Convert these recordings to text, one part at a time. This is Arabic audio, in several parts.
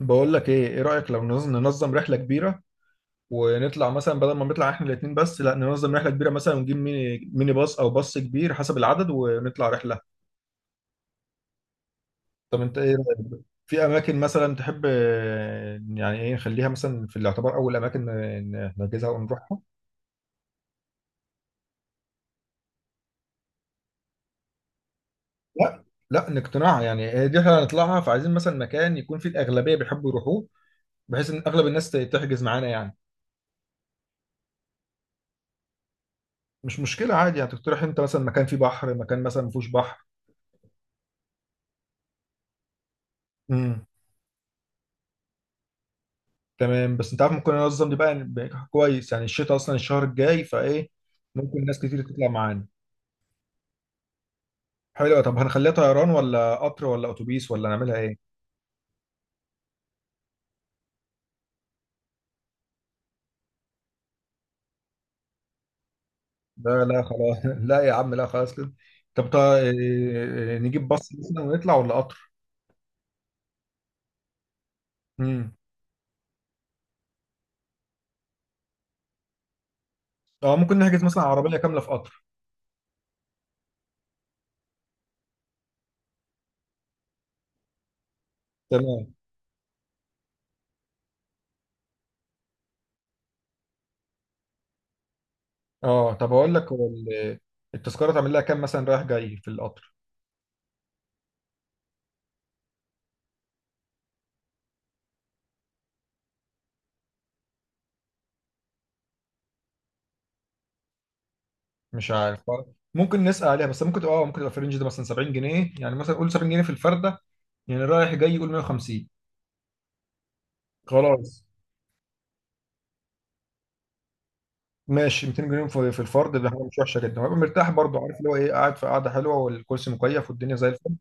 بقول لك ايه رأيك لو ننظم رحلة كبيرة، ونطلع مثلا بدل ما نطلع احنا الاتنين بس، لا ننظم رحلة كبيرة مثلا ونجيب ميني باص او باص كبير حسب العدد ونطلع رحلة. طب انت ايه رأيك في اماكن مثلا تحب، يعني ايه نخليها مثلا في الاعتبار اول اماكن نحجزها ونروحها. لا، لا نقتنعها، يعني هي دي احنا هنطلعها، فعايزين مثلا مكان يكون فيه الاغلبية بيحبوا يروحوه، بحيث ان اغلب الناس تحجز معانا يعني. مش مشكلة عادي يعني، تقترح انت مثلا مكان فيه بحر، مكان مثلا ما فيهوش بحر. تمام بس انت عارف ممكن انظم دي بقى يعني، بقى كويس يعني الشتاء اصلا الشهر الجاي فايه، ممكن ناس كتير تطلع معانا. حلو، طب هنخليها طيران ولا قطر ولا اتوبيس ولا نعملها ايه؟ لا لا خلاص لا يا عم لا خلاص كده. طب نجيب باص مثلا ونطلع ولا قطر؟ امم. اه ممكن نحجز مثلا عربيه كامله في قطر. تمام. اه طب هقول لك، التذكره تعمل لها كام مثلا رايح جاي في القطر؟ مش عارف، ممكن نسأل عليها، بس ممكن تبقى اه ممكن تبقى في الرينج ده مثلا 70 جنيه، يعني مثلا قول 70 جنيه في الفردة، يعني رايح جاي قول 150. خلاص ماشي، 200 جنيه في الفرد ده حاجة مش وحشة جدا، وهبقى مرتاح برضه، عارف اللي هو ايه، قاعد في قعدة حلوة والكرسي مكيف والدنيا زي الفل.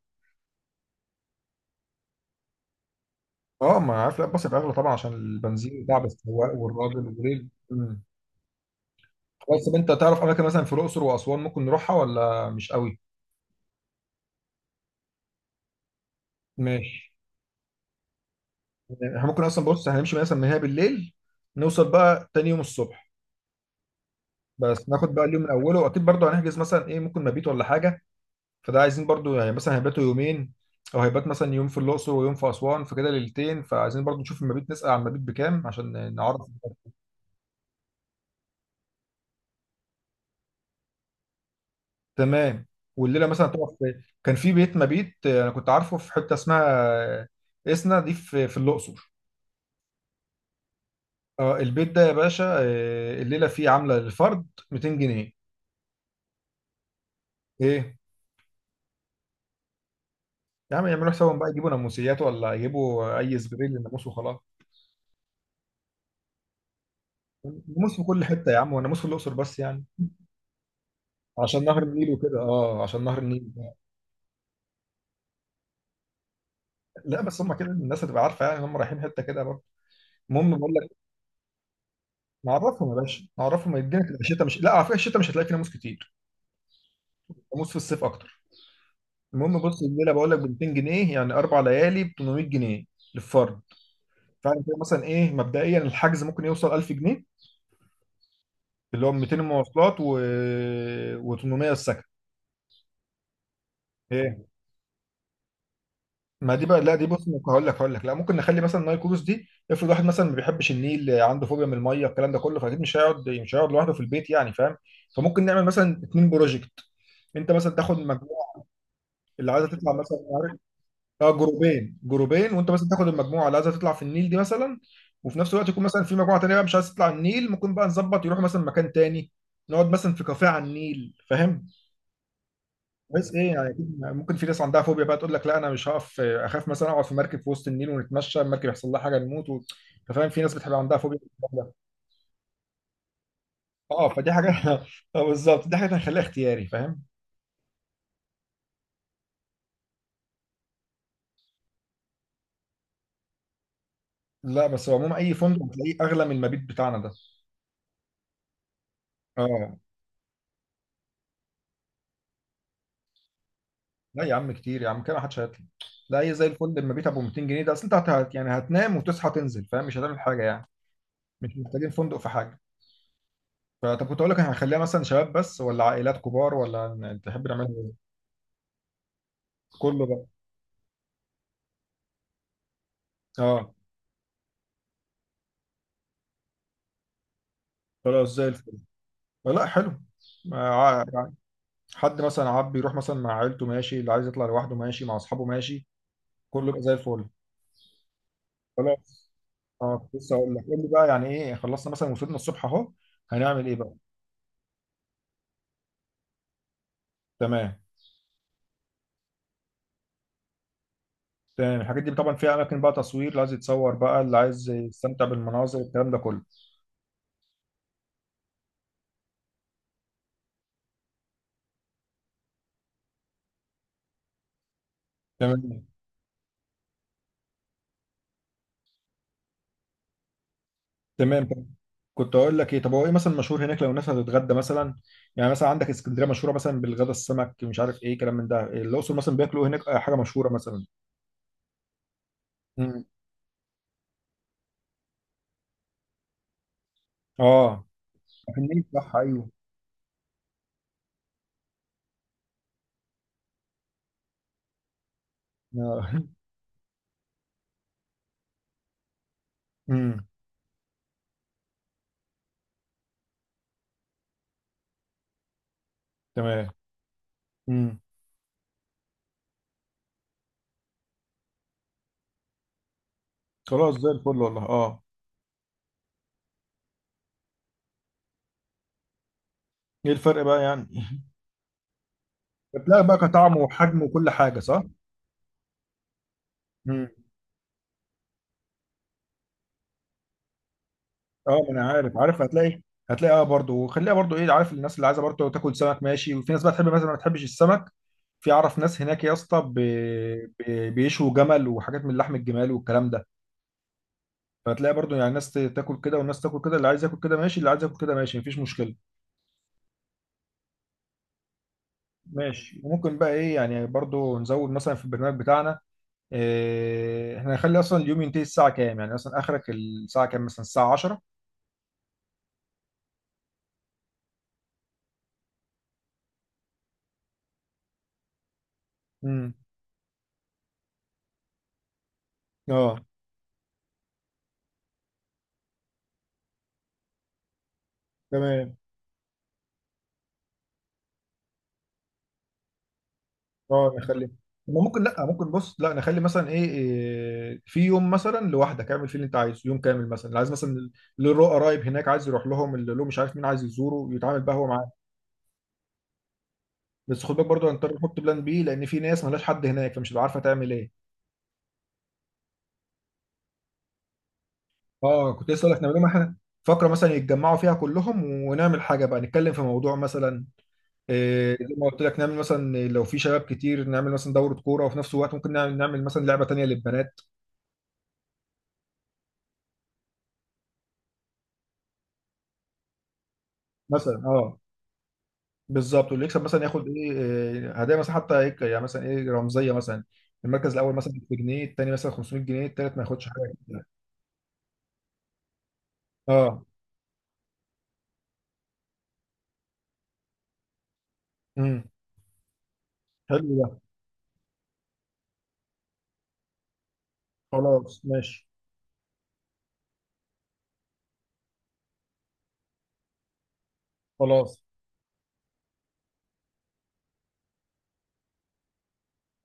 اه ما عارف، لا بصرف اغلى طبعا عشان البنزين وتعب السواق والراجل والليل مم. خلاص، طب انت تعرف اماكن مثلا في الاقصر واسوان ممكن نروحها ولا مش قوي؟ ماشي. يعني احنا ممكن اصلا، بص، هنمشي مثلا من هنا بالليل، نوصل بقى تاني يوم الصبح، بس ناخد بقى اليوم من اوله، واكيد برضو هنحجز مثلا ايه، ممكن مبيت ولا حاجه، فده عايزين برضو يعني مثلا هيباتوا يومين، او هيبات مثلا يوم في الاقصر ويوم في اسوان فكده ليلتين، فعايزين برضو نشوف المبيت، نسال عن المبيت بكام عشان نعرف. تمام. والليله مثلا هتقف في- كان في بيت مبيت، انا كنت عارفه في حته اسمها اسنا، دي في في الاقصر. اه البيت ده يا باشا، الليله فيه عامله للفرد 200 جنيه. ايه؟ يا عم يعملوا حسابهم بقى، يجيبوا ناموسيات ولا يجيبوا اي سبراي للناموس وخلاص. ناموس في كل حته يا عم، وناموس في الاقصر بس يعني عشان نهر النيل وكده، اه عشان نهر النيل. لا بس هم كده الناس هتبقى عارفه يعني هم رايحين حته كده برضه. المهم بقول لك، نعرفهم يا باشا نعرفهم، الدنيا تبقى الشتاء مش، لا على فكره الشتاء مش هتلاقي فيه ناموس كتير، ناموس في الصيف اكتر. المهم بص، الليله بقول لك ب 200 جنيه، يعني 4 ليالي ب 800 جنيه للفرد. فعلا كده مثلا ايه، مبدئيا الحجز ممكن يوصل 1000 جنيه، اللي هو 200 مواصلات و و800 السكن. ما دي بقى لا، دي بص، ممكن هقول لك لا، ممكن نخلي مثلا نايل كروز دي، افرض واحد مثلا ما بيحبش النيل عنده فوبيا من الميه الكلام ده كله، فاكيد مش هيقعد لوحده في البيت يعني، فاهم؟ فممكن نعمل مثلا اتنين بروجكت، انت مثلا تاخد مجموعه اللي عايزه تطلع مثلا، عارف، اه جروبين وانت مثلا تاخد المجموعه اللي عايزه تطلع في النيل دي مثلا، وفي نفس الوقت يكون مثلا في مجموعه تانيه بقى مش عايزه تطلع النيل، ممكن بقى نظبط يروحوا مثلا مكان تاني، نقعد مثلا في كافيه على النيل، فاهم؟ بس ايه يعني، أكيد ممكن في ناس عندها فوبيا بقى تقول لك لا انا مش هقف اخاف مثلا اقعد في مركب في وسط النيل ونتمشى المركب يحصل لها حاجه نموت و... أنت فاهم، في ناس بتبقى عندها فوبيا من الكلام ده. اه فدي حاجه اه بالظبط، دي حاجه هنخليها اختياري، فاهم؟ لا بس هو عموما اي فندق هتلاقيه اغلى من المبيت بتاعنا ده. اه لا يا عم كتير يا عم كده، ما حدش هيطلع. لا اي زي الفندق المبيت ابو 200 جنيه ده، اصل انت يعني هتنام وتصحى تنزل، فاهم؟ مش هتعمل حاجه يعني، مش محتاجين فندق في حاجه. فطب كنت اقول لك، هنخليها مثلا شباب بس ولا عائلات كبار، ولا تحب نعملها إيه؟ كله بقى، اه خلاص زي الفل. لا حلو، مع- يعني حد مثلا عاب يروح مثلا مع عيلته ماشي، اللي عايز يطلع لوحده ماشي، مع اصحابه ماشي، كله يبقى زي الفل. خلاص، اه كنت لسه اقول لك، قول لي بقى يعني ايه، خلصنا مثلا وصلنا الصبح اهو، هنعمل ايه بقى؟ تمام تمام، الحاجات دي طبعا فيها اماكن بقى تصوير، اللي عايز يتصور بقى، اللي عايز يستمتع بالمناظر الكلام ده كله. تمام تمام تمام. كنت اقول لك ايه، طب هو ايه مثلا مشهور هناك لو الناس هتتغدى مثلا؟ يعني مثلا عندك اسكندريه مشهوره مثلا بالغدا السمك، مش عارف ايه كلام من ده، الاقصر مثلا بياكلوا إيه هناك، حاجه مشهوره مثلا. امم. اه في النيل، صح، ايوه. آه. امم. تمام. امم. خلاص زي الفل والله، اه. ايه الفرق بقى يعني، هتلاقي بقى كطعم وحجم وكل حاجه، صح؟ امم. اه ما انا عارف، عارف هتلاقي، هتلاقي اه برضه، وخليها برضه ايه، عارف، الناس اللي عايزه برضه تاكل سمك ماشي، وفي ناس بقى تحب مثلا ما تحبش السمك. في اعرف ناس هناك يا اسطى بيشوا جمل وحاجات من لحم الجمال والكلام ده، فهتلاقي برضه يعني ناس تاكل كده والناس تاكل كده، اللي عايز ياكل كده ماشي، اللي عايز ياكل كده ماشي، مفيش مشكله. ماشي، وممكن بقى ايه يعني، برضو نزود مثلا في البرنامج بتاعنا إيه، احنا هنخلي اصلا اليوم ينتهي الساعة كام، يعني مثلا اخرك الساعة كام، مثلا الساعة 10. امم. اه. تمام. اه نخلي، ما ممكن، لا ممكن بص، لا نخلي مثلا إيه في يوم مثلا لوحدك، اعمل فيه اللي انت عايزه، يوم كامل مثلا، اللي عايز مثلا اللي له قرايب هناك عايز يروح لهم، اللي له مش عارف مين عايز يزوره يتعامل بقى هو معاه. بس خد بالك برضه هنضطر نحط بلان بي، لان في ناس ملهاش حد هناك فمش هتبقى عارفه تعمل ايه. اه كنت لسه اقول لك نعمل لهم حاجه، فقره مثلا يتجمعوا فيها كلهم، ونعمل حاجه بقى، نتكلم في موضوع مثلا إيه، زي ما قلت لك، نعمل مثلا لو في شباب كتير نعمل مثلا دوره كوره، وفي نفس الوقت ممكن نعمل مثلا لعبه تانيه للبنات، مثلا. اه بالظبط، واللي يكسب مثلا ياخد إيه، هدايا مثلا، حتى هيك يعني مثلا ايه رمزيه، مثلا المركز الاول مثلا بجنيه، التاني مثلا 500 جنيه، التالت ما ياخدش حاجه. اه. امم. حلو ده. خلاص ماشي، خلاص.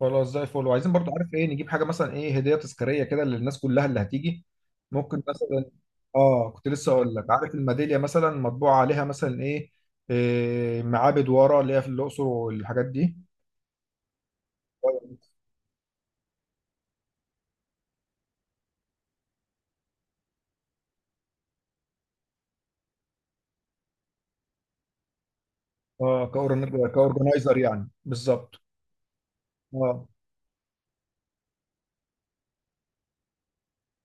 خلاص زي الفل. وعايزين برضو، عارف ايه، نجيب حاجه مثلا ايه هديه تذكاريه كده للناس كلها اللي هتيجي، ممكن مثلا. اه كنت لسه اقول لك، عارف الميداليه مثلا مطبوع عليها مثلا إيه معابد ورا اللي هي في الاقصر والحاجات دي. اه كأورن- كاورجنايزر يعني، بالظبط. اه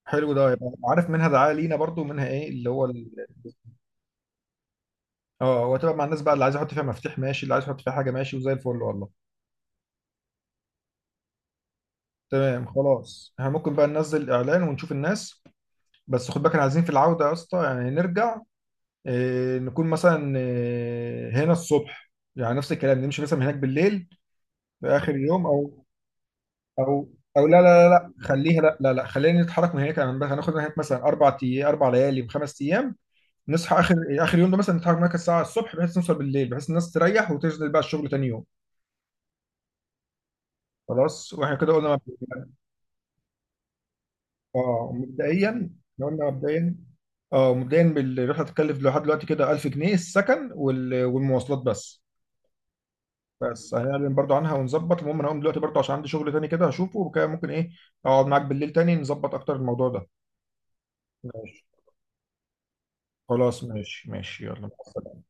حلو ده، يبقى عارف منها دعايه لينا برضو، منها ايه اللي هو اه وتبقى مع الناس بقى، اللي عايز يحط فيها مفتاح ماشي، اللي عايز يحط فيها حاجه ماشي، وزي الفل والله. تمام خلاص، احنا ممكن بقى ننزل اعلان ونشوف الناس. بس خد بالك احنا عايزين في العودة يا اسطى يعني نرجع، نكون مثلا هنا الصبح، يعني نفس الكلام، نمشي مثلا من هناك بالليل في آخر يوم، أو أو لا لا لا لا خليها، لا لا لا خلينا نتحرك من هناك، يعني بس هناخد من هناك مثلا 4 أيام 4 ليالي وخمس أيام، نصحى آخر آخر يوم ده مثلا، نتحرك من هناك الساعة الصبح بحيث نوصل بالليل، بحيث الناس تريح وتنزل بقى الشغل تاني يوم. خلاص، واحنا كده قلنا مبدئيا. اه مبدئيا، إحنا قلنا مبدئيا، اه مبدئيا الرحله هتتكلف لحد دلوقتي كده 1000 جنيه، السكن والمواصلات بس، بس هنعلن برضو عنها ونظبط. المهم انا هقوم دلوقتي برضو عشان عندي شغل تاني كده هشوفه وكده، ممكن ايه اقعد معاك بالليل تاني نظبط اكتر الموضوع ده. ماشي، خلاص ماشي ماشي، يلا مع السلامة.